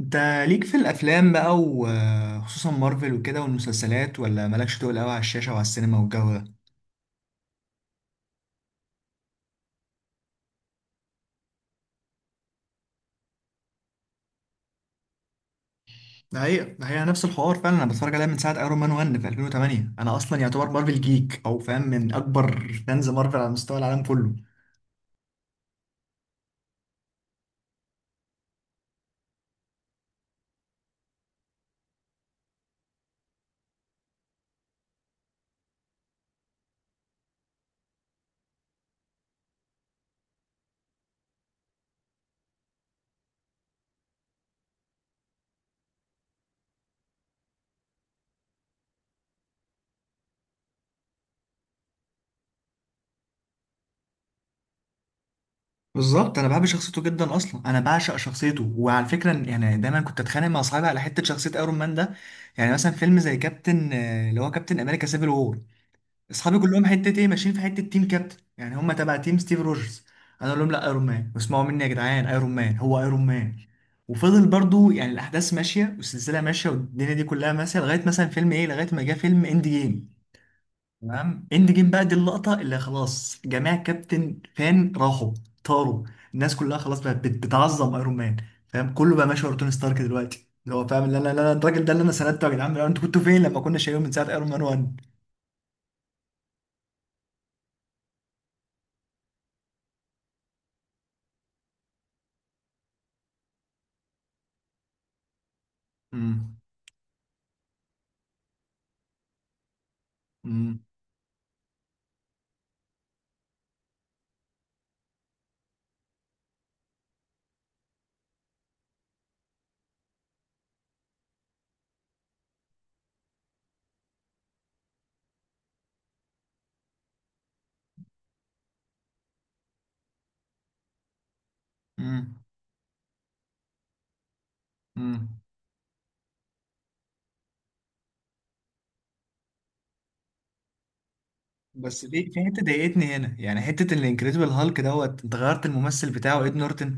انت ليك في الافلام بقى وخصوصا مارفل وكده والمسلسلات، ولا مالكش تقول قوي على الشاشه وعلى السينما والجو ده؟ ده حقيقة، ده حقيقة، نفس الحوار فعلا. انا بتفرج عليها من ساعه ايرون مان 1 في 2008. انا اصلا يعتبر مارفل، جيك، او فاهم، من اكبر فانز مارفل على مستوى العالم كله. بالظبط، انا بحب شخصيته جدا، اصلا انا بعشق شخصيته. وعلى فكره يعني دايما كنت اتخانق مع صحابي على حته شخصيه ايرون مان ده. يعني مثلا فيلم زي كابتن، اللي هو كابتن امريكا سيفل وور، اصحابي كلهم حته ايه، ماشيين في حته تيم كابتن، يعني هم تبع تيم ستيف روجرز. انا اقول لهم لا، ايرون مان، واسمعوا مني يا جدعان، ايرون مان هو ايرون مان. وفضل برضو يعني الاحداث ماشيه والسلسله ماشيه والدنيا دي كلها ماشيه لغايه مثلا فيلم ايه، لغايه ما جه فيلم اند جيم. تمام، اند جيم بقى دي اللقطه اللي خلاص جميع كابتن فان راحوا، طاروا، الناس كلها خلاص بقت بتعظم ايرون مان. فاهم كله بقى ماشي ورا توني ستارك دلوقتي، اللي هو فاهم، اللي انا، الراجل ده اللي انا سندته، يا جدعان انتوا كنتوا فين لما كنا شايلينه من ساعه ايرون مان 1؟ مم. مم. بس في حته ضايقتني هنا، يعني حته ان انكريدبل هالك دوت انت غيرت الممثل بتاعه اد نورتن،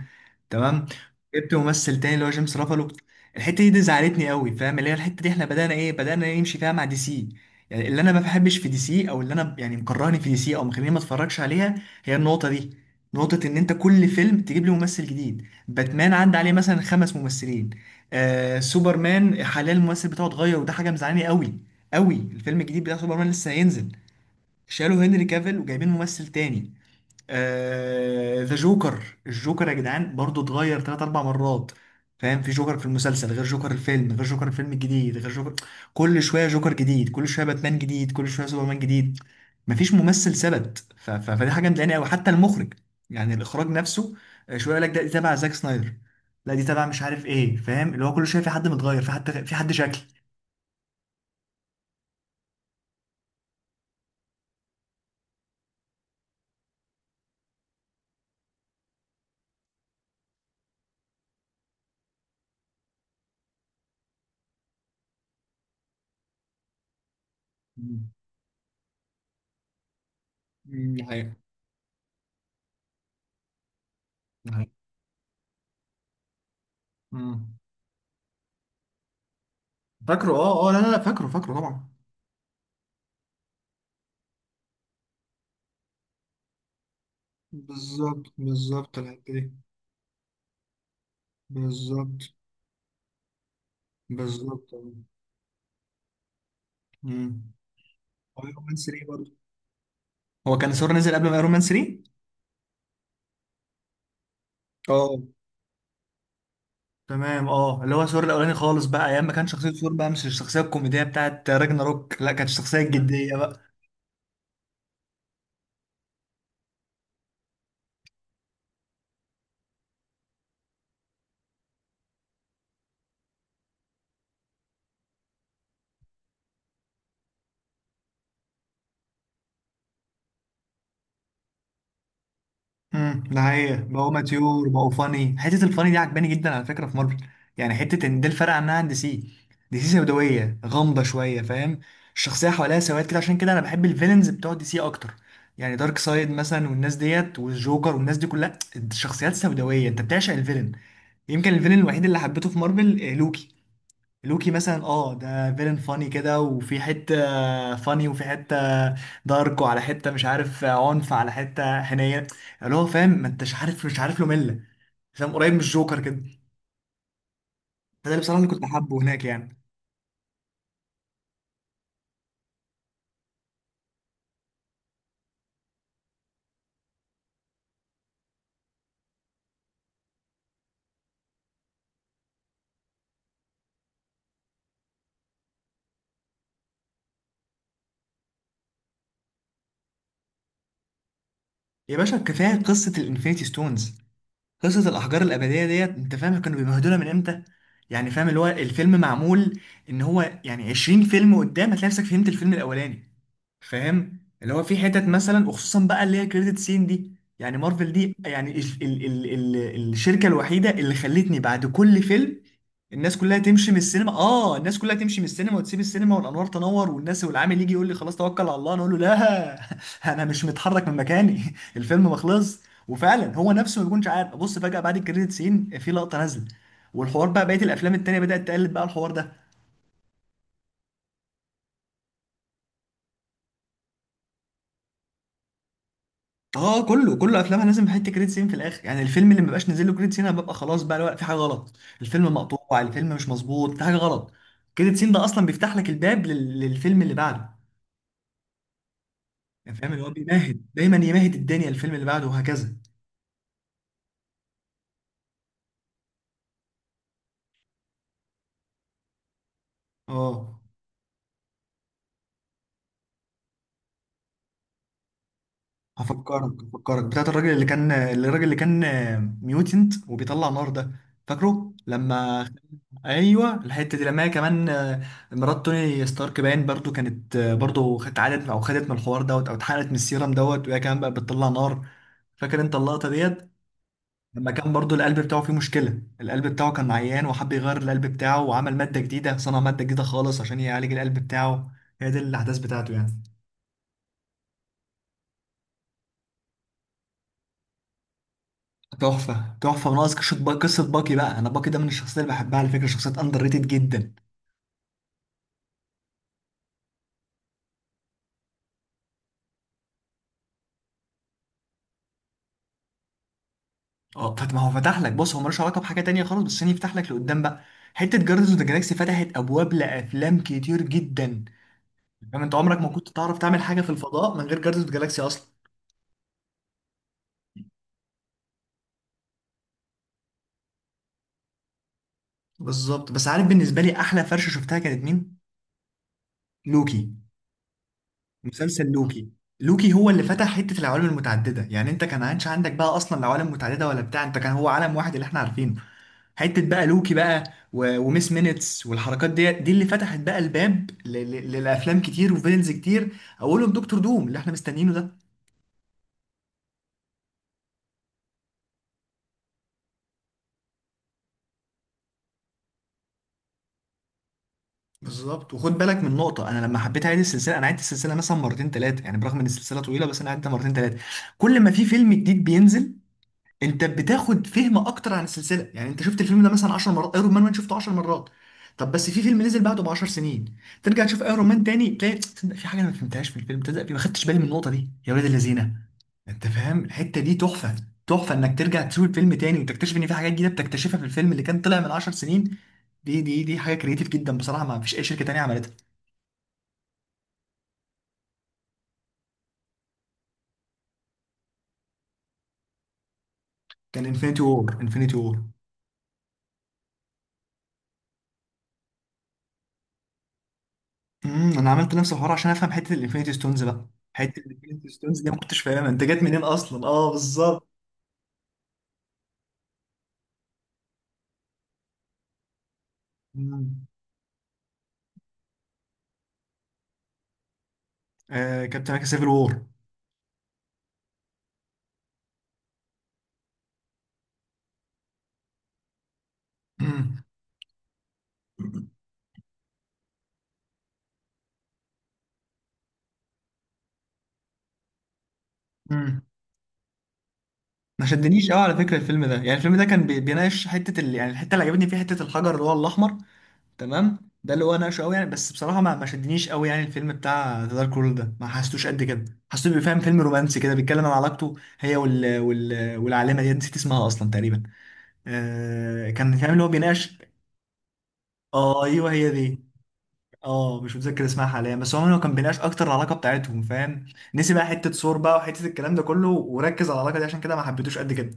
تمام، جبت ممثل تاني اللي هو جيمس رافالو. الحته دي زعلتني قوي، فاهم؟ اللي هي الحته دي احنا بدانا ايه، بدانا نمشي فيها مع دي سي. يعني اللي انا ما بحبش في دي سي، او اللي انا يعني مكرهني في دي سي او مخليني ما اتفرجش عليها، هي النقطه دي. نقطة إن أنت كل فيلم تجيب لي ممثل جديد، باتمان عدى عليه مثلا خمس ممثلين، آه سوبرمان حاليا الممثل بتاعه اتغير، وده حاجة مزعلاني قوي قوي. الفيلم الجديد بتاع سوبرمان لسه هينزل، شالوا هنري كافيل وجايبين ممثل تاني. ذا جوكر، الجوكر يا جدعان برضو اتغير تلات أربع مرات، فاهم؟ في جوكر في المسلسل غير جوكر الفيلم غير جوكر الفيلم الجديد غير جوكر. كل شوية جوكر جديد، كل شوية باتمان جديد، كل شوية سوبرمان جديد. مفيش ممثل ثبت فدي حاجة مضايقاني أوي. حتى المخرج، يعني الإخراج نفسه، شوية يقول لك ده دي تبع زاك سنايدر، لا دي تبع مش عارف إيه. فاهم اللي هو كل شوية في حد متغير، في حد شكل. مم. مم، دي حقيقة. دي حقيقة. مم. فاكره، اه اه، لا لا لا، فاكره طبعا. بالظبط بالظبط الحتة دي. بالظبط بالظبط. مم. ايرون مان 3 برضه. هو كان ثور نزل قبل ما ايرون مان 3؟ اه. تمام، اه اللي هو ثور الاولاني خالص بقى، ايام ما كان شخصيه ثور بقى مش الشخصيه الكوميديه بتاعت راجنا روك، لا كانت الشخصيه الجديه. امم، ده حقيقة، بقوا ماتيور، بقوا فاني. حتة الفاني دي عجباني جدا على فكرة في مارفل. يعني حتة ان ده الفرق عنها عن دي سي. دي سي سوداوية غامضة شوية، فاهم؟ الشخصية حواليها سواد كده، عشان كده انا بحب الفيلنز بتوع دي سي اكتر. يعني دارك سايد مثلا والناس ديت والجوكر والناس دي كلها شخصيات سوداوية، انت بتعشق الفيلن. يمكن الفيلن الوحيد اللي حبيته في مارفل آه، لوكي. لوكي مثلا اه، ده فيلن فاني كده، وفي حتة فاني، وفي حتة دارك، وعلى حتة مش عارف عنف، على حتة حنية، اللي هو فاهم، ما انتش عارف، مش عارف له ملة، فاهم؟ قريب من الجوكر كده. فده اللي بصراحة اللي كنت حابه هناك يعني. يا باشا كفاية قصة الانفينيتي ستونز، قصة الأحجار الأبدية ديت، أنت فاهم كانوا بيمهدولها من إمتى؟ يعني فاهم اللي هو الفيلم معمول إن هو يعني 20 فيلم قدام هتلاقي نفسك فهمت الفيلم الأولاني، فاهم؟ اللي هو في حتت مثلا، وخصوصا بقى اللي هي كريدت سين دي. يعني مارفل دي يعني ال الشركة الوحيدة اللي خلتني بعد كل فيلم الناس كلها تمشي من السينما، آه الناس كلها تمشي من السينما وتسيب السينما والأنوار تنور، والناس والعامل يجي يقول لي خلاص توكل على الله، أنا أقول له لا. أنا مش متحرك من مكاني. الفيلم ما خلصش. وفعلا هو نفسه ما بيكونش عارف، ابص فجأة بعد الكريدت سين في لقطة نازلة. والحوار بقى بقية الافلام التانية بدأت تقلد بقى الحوار ده. اه كله، كله افلامها لازم حته كريدت سين في الاخر. يعني الفيلم اللي ما بقاش نازل له كريدت سين انا ببقى خلاص بقى لا، في حاجة غلط، الفيلم مقطوع، الفيلم مش مظبوط، في حاجة غلط. كريدت سين ده اصلا بيفتح لك الباب للفيلم اللي بعده. يعني فاهم اللي هو بيمهد دايما، يمهد الدنيا الفيلم اللي بعده، وهكذا. اه. هفكرك، هفكرك بتاعت الراجل اللي كان، الراجل اللي كان ميوتنت وبيطلع نار ده. فاكره لما، ايوه الحته دي لما هي كمان آه، مرات توني ستارك باين برضو كانت آه، برضو اتعادت او خدت من الحوار دوت او اتحرقت من السيرم دوت، وهي كمان بقى بتطلع نار. فاكر انت اللقطه ديت لما كان برضو القلب بتاعه فيه مشكله، القلب بتاعه كان عيان وحب يغير القلب بتاعه، وعمل ماده جديده، صنع ماده جديده خالص عشان يعالج القلب بتاعه. هي دي الاحداث بتاعته يعني. تحفه، تحفه، وناقص قصه باكي بقى. انا باكي ده من الشخصيات اللي بحبها على فكره، شخصيات اندر ريتد جدا. اه طب ما هو فتح لك، بص هو ملوش علاقه بحاجه تانية خالص بس عشان يفتح لك لقدام بقى. حته جاردنز اوف ذا جالاكسي فتحت ابواب لافلام كتير جدا. فاهم انت عمرك ما كنت تعرف تعمل حاجه في الفضاء من غير جاردنز اوف ذا جالاكسي اصلا. بالظبط، بس عارف بالنسبه لي احلى فرشه شفتها كانت مين؟ لوكي، مسلسل لوكي. لوكي هو اللي فتح حته العوالم المتعدده. يعني انت كان عادش عندك بقى اصلا العوالم المتعدده ولا بتاع، انت كان هو عالم واحد اللي احنا عارفينه. حته بقى لوكي بقى، وميس مينيتس والحركات دي، دي اللي فتحت بقى الباب للافلام كتير وفيلنز كتير، اولهم دكتور دوم اللي احنا مستنيينه ده. بالظبط، وخد بالك من نقطه. انا لما حبيت اعيد السلسله انا عدت السلسله مثلا مرتين ثلاثه. يعني برغم ان السلسله طويله بس انا عدتها مرتين ثلاثه. كل ما في فيلم جديد بينزل انت بتاخد فهم اكتر عن السلسله. يعني انت شفت الفيلم ده مثلا 10 مرات، ايرون مان شفته 10 مرات، طب بس في فيلم نزل بعده ب 10 سنين، ترجع تشوف ايرون مان تاني، تلاقي تصدق في حاجه انا ما فهمتهاش في الفيلم، تصدق ما خدتش بالي من النقطه دي يا ولاد اللذينه. انت فاهم الحته دي تحفه. تحفه انك ترجع تشوف الفيلم تاني وتكتشف ان في حاجات جديده بتكتشفها في الفيلم اللي كان طلع من 10 سنين. دي حاجه كريتيف جدا بصراحه، ما فيش اي شركه تانيه عملتها. كان انفينيتي وور، انفينيتي وور. امم، انا عملت نفس الحوار عشان افهم حته الانفينيتي ستونز بقى. حته الانفينيتي ستونز دي ما كنتش فاهمها انت جت منين اصلا، اه بالظبط. امم. آه كابتن امريكا سيفل وور. امم. امم، ما شدنيش قوي على فكره الفيلم ده. يعني الفيلم ده كان بيناقش حته يعني الحته اللي عجبتني فيها حته الحجر اللي هو الاحمر، تمام، ده اللي هو ناقشه قوي يعني. بس بصراحه ما شدنيش قوي. يعني الفيلم بتاع ذا دارك وورلد ده ما حسيتوش قد كده، حسيته بيفهم فيلم رومانسي كده، بيتكلم عن علاقته هي والعالمه دي نسيت اسمها اصلا تقريبا. آه كان فاهم اللي هو بيناقش. اه ايوه هي دي. اه مش متذكر اسمها حاليا، بس عموما هو كان بيناقش اكتر العلاقه بتاعتهم، فاهم؟ نسي بقى حته صور بقى وحته الكلام ده كله وركز على العلاقه دي، عشان كده ما حبيتوش قد كده.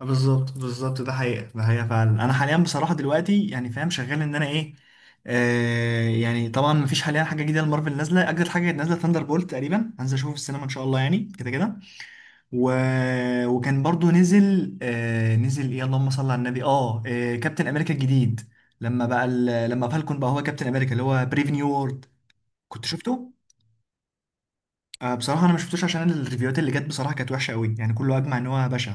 بالظبط بالظبط، ده حقيقه، ده حقيقه فعلا. انا حاليا بصراحه دلوقتي يعني فاهم شغال ان انا ايه، آه يعني طبعا مفيش حاليا حاجه جديده لمارفل نازله. اجدد حاجه نازله ثاندر بولت تقريبا هنزل اشوفه في السينما ان شاء الله، يعني كده كده. و... وكان برضو نزل آه نزل ايه، اللهم صل على النبي، آه كابتن امريكا الجديد. لما بقى لما فالكون بقى هو كابتن امريكا، اللي هو بريف نيو وورلد، كنت شفته؟ آه بصراحه انا ما شفتوش عشان الريفيوهات اللي جت بصراحه كانت وحشه قوي، يعني كله اجمع ان هو بشع.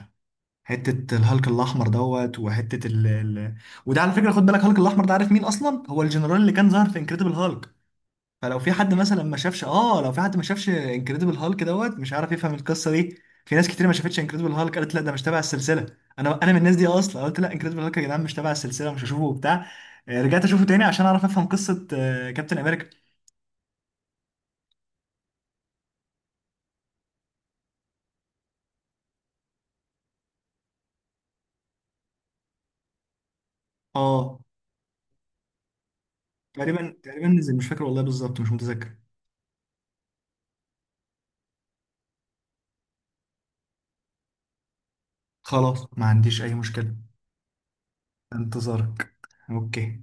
حته الهالك الاحمر دوت وحته وده على فكره خد بالك هالك الاحمر ده عارف مين اصلا؟ هو الجنرال اللي كان ظاهر في انكريدبل هالك. فلو في حد مثلا ما شافش، اه لو في حد ما شافش انكريدبل هالك دوت مش عارف يفهم القصه دي. في ناس كتير ما شافتش انكريدبل هالك قالت لا ده مش تبع السلسله. انا من الناس دي اصلا قلت لا انكريدبل هالك يا جدعان مش تبع السلسله مش هشوفه وبتاع. آه، رجعت اشوفه تاني عشان اعرف افهم قصه آه، كابتن امريكا. اه تقريبا تقريبا نزل، مش فاكر والله بالظبط، مش متذكر. خلاص، ما عنديش اي مشكله. انتظارك. اوكي.